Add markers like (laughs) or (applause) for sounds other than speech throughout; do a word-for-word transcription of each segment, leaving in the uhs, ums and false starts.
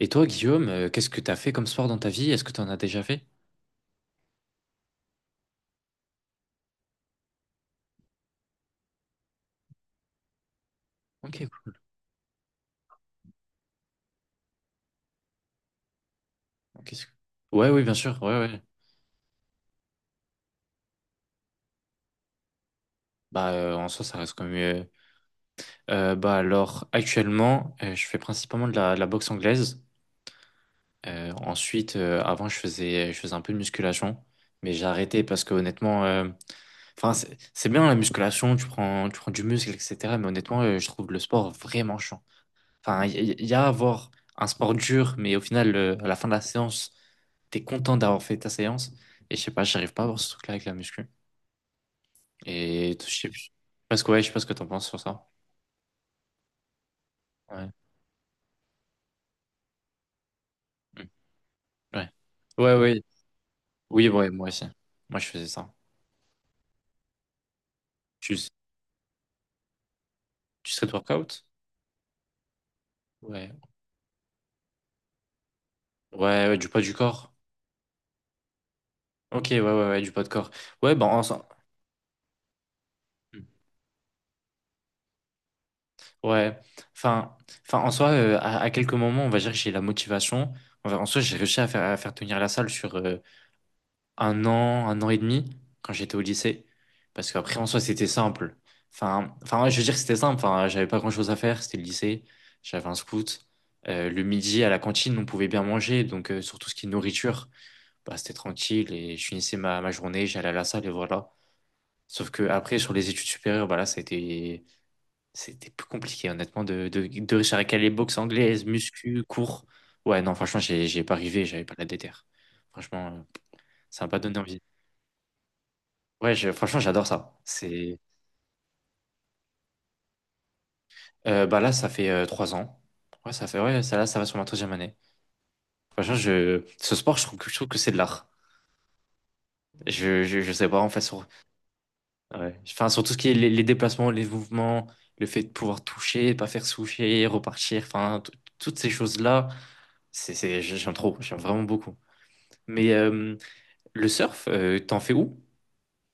Et toi, Guillaume, euh, qu'est-ce que t'as fait comme sport dans ta vie? Est-ce que t'en as déjà fait? Ok, cool. Ok, c'est- Ouais, oui, bien sûr. Ouais, ouais. Bah, euh, en soi, ça reste quand même. Euh, euh, bah, alors, actuellement, euh, je fais principalement de la, de la boxe anglaise. Euh, ensuite, euh, avant, je faisais, je faisais un peu de musculation, mais j'ai arrêté parce que honnêtement, euh, enfin, c'est c'est bien la musculation, tu prends, tu prends du muscle, et cetera. Mais honnêtement, euh, je trouve le sport vraiment chiant. Enfin, il y, y a à avoir un sport dur, mais au final, le- à la fin de la séance, t'es content d'avoir fait ta séance. Et je sais pas, j'arrive pas à avoir ce truc-là avec la muscu. Et je sais je sais pas ce que, ouais, je sais pas ce que t'en penses sur ça. Ouais. Mm. Ouais. Ouais, ouais. Oui, ouais, moi aussi. Moi, je faisais ça. Tu, tu serais de workout? Ouais. Ouais, ouais, du poids du corps. Ok, ouais, ouais, ouais, du poids de corps. Ouais, ben. En, soi- mmh. Ouais. Enfin, enfin, en soi, euh, à, à quelques moments, on va dire que j'ai la motivation. En en soi, j'ai réussi à faire, à faire tenir la salle sur euh, un an, un an et demi quand j'étais au lycée. Parce qu'après, en soi, c'était simple. Enfin, enfin, ouais, je veux dire que c'était simple. Enfin, j'avais pas grand-chose à faire. C'était le lycée. J'avais un scout. Euh, le midi, à la cantine, on pouvait bien manger. Donc, euh, surtout ce qui est nourriture, bah, c'était tranquille. Et je finissais ma, ma journée, j'allais à la salle et voilà. Sauf que après, sur les études supérieures, bah là, c'était, c'était plus compliqué, honnêtement, de, de, de récupérer les boxe anglaise, muscu, cours. Ouais, non, franchement, j'ai, j'ai pas arrivé. J'avais pas la déter. Franchement, euh, ça m'a pas donné envie. Ouais, je- franchement, j'adore ça. C'est, euh, bah là, ça fait euh, trois ans. Ouais, ça fait, ouais, ça là, ça va sur ma troisième année. Franchement, je, ce sport, je trouve que, je trouve que c'est de l'art. Je, je, je sais pas, en fait, sur, ouais. Enfin, sur tout ce qui est les, les déplacements, les mouvements, le fait de pouvoir toucher, pas faire toucher, repartir, enfin, tout- toutes ces choses-là, c'est, c'est, j'aime trop, j'aime vraiment beaucoup. Mais euh, le surf, euh, t'en fais où?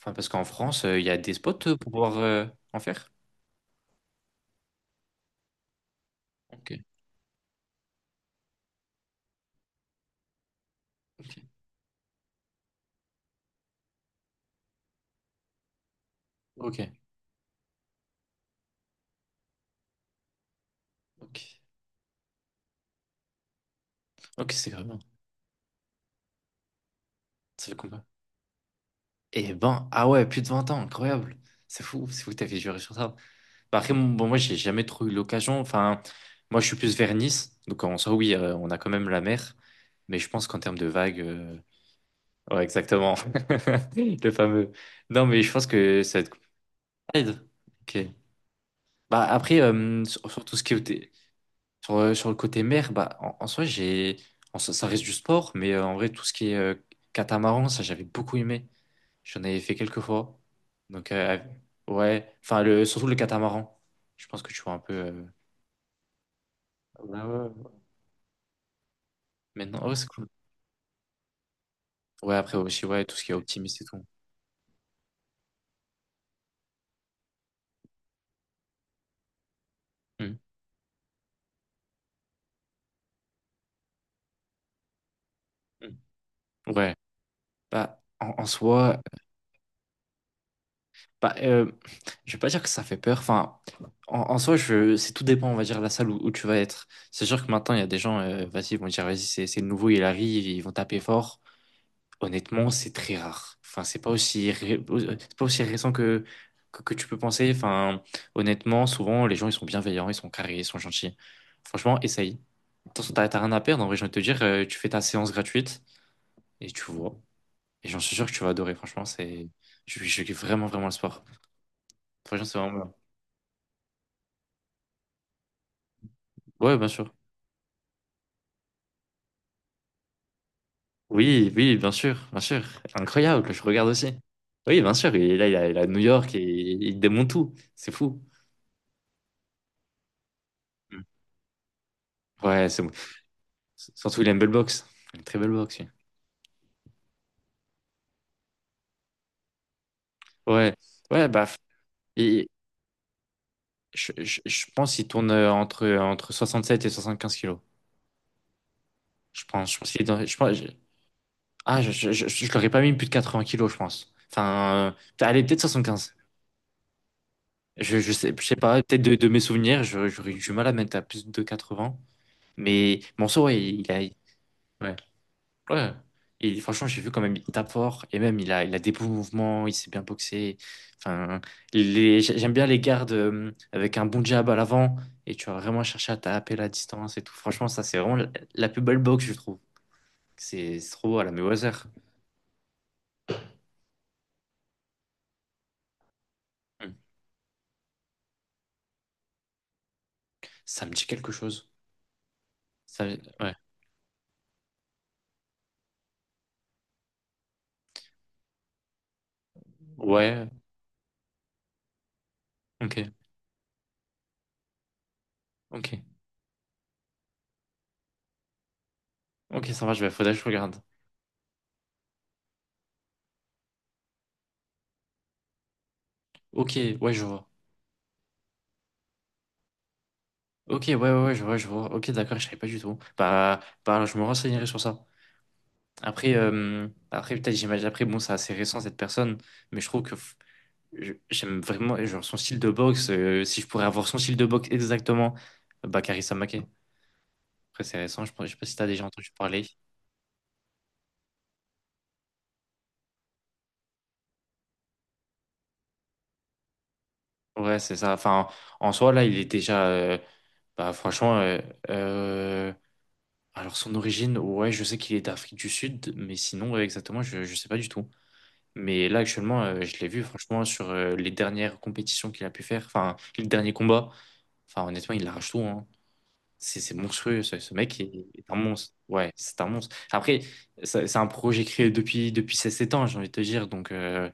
Enfin, parce qu'en France, euh, il y a des spots pour pouvoir euh, en faire. Ok, ok, ok, ok, ok, c'est grave. Ça fait combien? Et ben, ah ouais, plus de vingt ans, incroyable. C'est fou, c'est fou que t'avais juré sur ça. Bah après, bon, bon, moi, j'ai jamais trop eu l'occasion. Enfin, moi, je suis plus vers Nice. Donc, en soi, oui, euh, on a quand même la mer. Mais je pense qu'en termes de vagues. euh, Ouais, exactement. (laughs) Le fameux. Non, mais je pense que ça va être compliqué. Ok. Bah, après, euh, sur, sur tout ce qui est. Sur, euh, sur le côté mer, bah, en, en soi, j'ai. En soi, ça reste du sport, mais euh, en vrai, tout ce qui est euh, catamaran, ça, j'avais beaucoup aimé. J'en avais fait quelques fois. Donc, euh, ouais. Enfin, le, surtout le catamaran. Je pense que tu vois un peu. euh, Ouais, ouais, ouais. Maintenant, ah ouais, c'est cool. Ouais, après aussi, ouais, tout ce qui est optimiste et tout. Mm. Mm. Ouais. Bah, en, en soi, bah, euh, je vais pas dire que ça fait peur. Enfin, en, en soi, je, c'est tout dépend, on va dire, de la salle où, où tu vas être. C'est sûr que maintenant, il y a des gens, euh, vas-y, ils vont dire, vas-y, c'est c'est le nouveau, il arrive, ils vont taper fort. Honnêtement, c'est très rare. Enfin, c'est pas aussi ré- c'est pas aussi récent que, que que tu peux penser. Enfin, honnêtement, souvent les gens ils sont bienveillants, ils sont carrés, ils sont gentils. Franchement, essaye. De toute façon, t'as t'as rien à perdre. En vrai, j'ai envie de te dire, euh, tu fais ta séance gratuite et tu vois. Et j'en suis sûr que tu vas adorer. Franchement, c'est je, je kiffe vraiment vraiment le sport. Franchement, c'est vraiment bien. Ouais, bien sûr. Oui, oui, bien sûr, bien sûr. Incroyable, je regarde aussi. Oui, bien sûr. Et là, il a, il a New York et il démonte tout. C'est fou. Mm. Ouais, c'est surtout, il a une belle boxe. Une très belle boxe, oui. Ouais, ouais, bah, et je, je, je pense qu'il tourne euh, entre, euh, entre soixante-sept et soixante-quinze kilos. Je pense, je pense qu'il est. dans- je pense, je- ah, je, je, je, je l'aurais pas mis plus de quatre-vingts kilos, je pense. Enfin, euh, allez, peut-être soixante-quinze. Je, je sais, je sais pas, peut-être de, de mes souvenirs, je- j'aurais eu du mal à mettre à plus de quatre-vingts. Mais, bon, ça, ouais, il a, ouais. Ouais. Et franchement, j'ai vu quand même, il tape fort. Et même, il a, il a des beaux mouvements, il sait bien boxer. Enfin, les, j'aime bien les gardes euh, avec un bon jab à l'avant. Et tu vas vraiment chercher à taper la distance et tout. Franchement, ça, c'est vraiment la, la plus belle boxe, je trouve. C'est c'est trop à la Mayweather. Hmm. Ça me dit quelque chose. Ça, ouais. Ouais. Ok. Ok. Ok, ça va, je vais, faudrait que je regarde. Ok, ouais, je vois. Ok, ouais, ouais, ouais, je vois, je vois. Ok, d'accord, je savais pas du tout. Bah, bah, je me renseignerai sur ça. Après, euh, après peut-être j'imagine, après, bon, c'est assez récent cette personne, mais je trouve que f- je- j'aime vraiment genre, son style de boxe. Euh, si je pourrais avoir son style de boxe exactement, euh, bah, Karissa Maké. Après, c'est récent, je ne sais pas si t'as déjà entendu parler. Ouais, c'est ça. Enfin, en soi, là, il est déjà. Euh, bah, franchement, euh, euh, alors son origine, ouais, je sais qu'il est d'Afrique du Sud, mais sinon, ouais, exactement, je ne sais pas du tout. Mais là, actuellement, euh, je l'ai vu, franchement, sur euh, les dernières compétitions qu'il a pu faire, enfin, les derniers combats. Enfin, honnêtement, il arrache tout. Hein. C'est c'est monstrueux, ce, ce mec est, est un monstre. Ouais, c'est un monstre. Après, ça- c'est un projet créé depuis, depuis ses sept ans, j'ai envie de te dire. Donc, euh,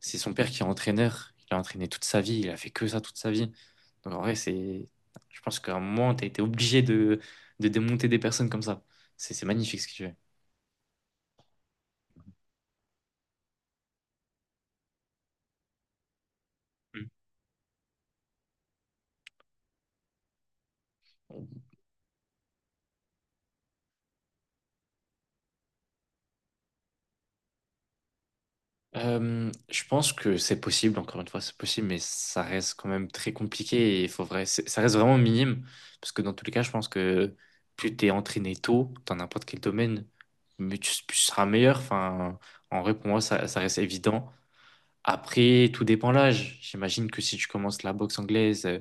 c'est son père qui est entraîneur. Il a entraîné toute sa vie, il a fait que ça toute sa vie. Donc, en vrai, c'est... je pense qu'à un moment, tu as été obligé de, de démonter des personnes comme ça. C'est c'est magnifique ce qu'il fait. Mm. Euh, je pense que c'est possible, encore une fois, c'est possible, mais ça reste quand même très compliqué et il faut vrai, c'est- ça reste vraiment minime. Parce que dans tous les cas, je pense que plus t'es entraîné tôt dans n'importe quel domaine, mais tu, tu seras meilleur. Enfin, en vrai, pour moi, ça, ça reste évident. Après, tout dépend de l'âge. J'imagine que si tu commences la boxe anglaise, euh,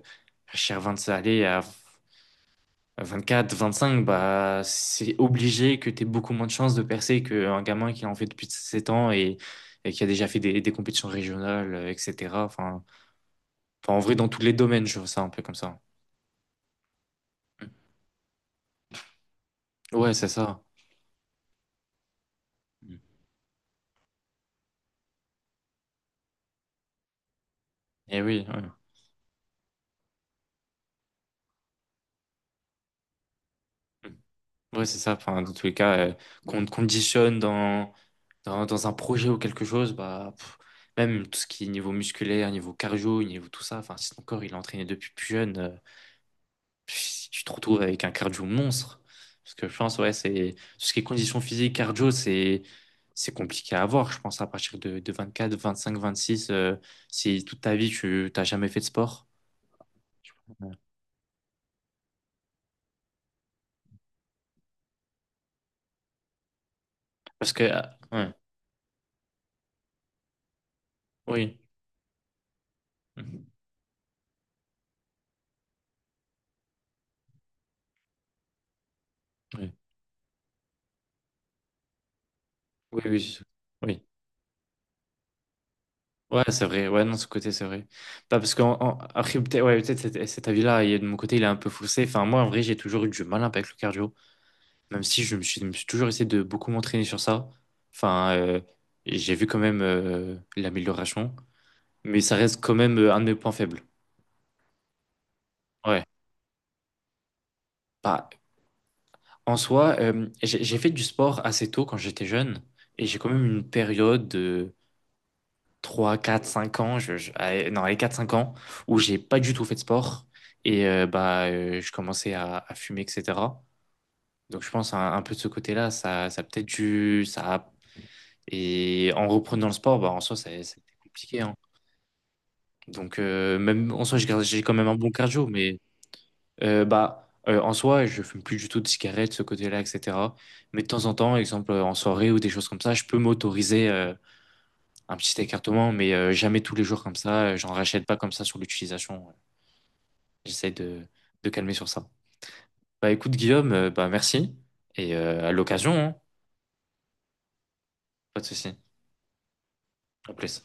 à cher vingt, allez, à vingt-quatre, vingt-cinq, bah, c'est obligé que tu aies beaucoup moins de chances de percer qu'un gamin qui en fait depuis sept ans et, et qui a déjà fait des, des compétitions régionales, euh, et cetera. Enfin, enfin, en vrai, dans tous les domaines, je vois ça un peu comme ça. Ouais, c'est ça. Mm. Et oui, ouais. Mm. Ouais, c'est ça. Enfin, dans tous les cas, euh, qu'on te conditionne dans, dans, dans un projet ou quelque chose, bah, pff, même tout ce qui est niveau musculaire, niveau cardio, niveau tout ça, enfin, si ton corps il est entraîné depuis plus jeune. Euh, si tu te retrouves avec un cardio monstre. Parce que je pense, ouais, c'est tout ce qui est condition physique, cardio, c'est c'est compliqué à avoir. Je pense à partir de, de vingt-quatre, vingt-cinq, vingt-six, euh, si toute ta vie tu t'as jamais fait de sport. Parce que, ah, ouais, oui, mhm, oui, oui, oui, oui. Ouais, c'est vrai. Ouais, non, ce côté, c'est vrai. Bah, parce que, après, peut-être, ouais, peut-être cet, cet avis-là, il est- de mon côté, il est un peu faussé. Enfin, moi, en vrai, j'ai toujours eu du mal avec le cardio. Même si je me suis, je me suis toujours essayé de beaucoup m'entraîner sur ça. Enfin, euh, j'ai vu quand même euh, l'amélioration, mais ça reste quand même euh, un de mes points faibles. Ouais. Bah, en soi, euh, j'ai j'ai fait du sport assez tôt quand j'étais jeune, et j'ai quand même une période de trois, quatre, cinq ans, je, je- allez, non, les quatre cinq ans, où j'ai pas du tout fait de sport, et euh, bah, euh, je commençais à, à fumer, et cetera. Donc je pense un, un peu de ce côté-là, ça, ça a peut-être dû. Ça a Et en reprenant le sport, bah, en soi, ça, ça a été compliqué. Hein. Donc, euh, même en soi, j'ai gardé- j'ai quand même un bon cardio, mais euh, bah, euh, en soi, je fume plus du tout de cigarettes, ce côté-là, et cetera. Mais de temps en temps, exemple euh, en soirée ou des choses comme ça, je peux m'autoriser euh, un petit écartement, mais euh, jamais tous les jours comme ça. euh, J'en rachète pas comme ça sur l'utilisation, ouais. J'essaie de, de calmer sur ça. Bah, écoute, Guillaume, euh, bah, merci. Et euh, à l'occasion, hein, pas de souci. À plus.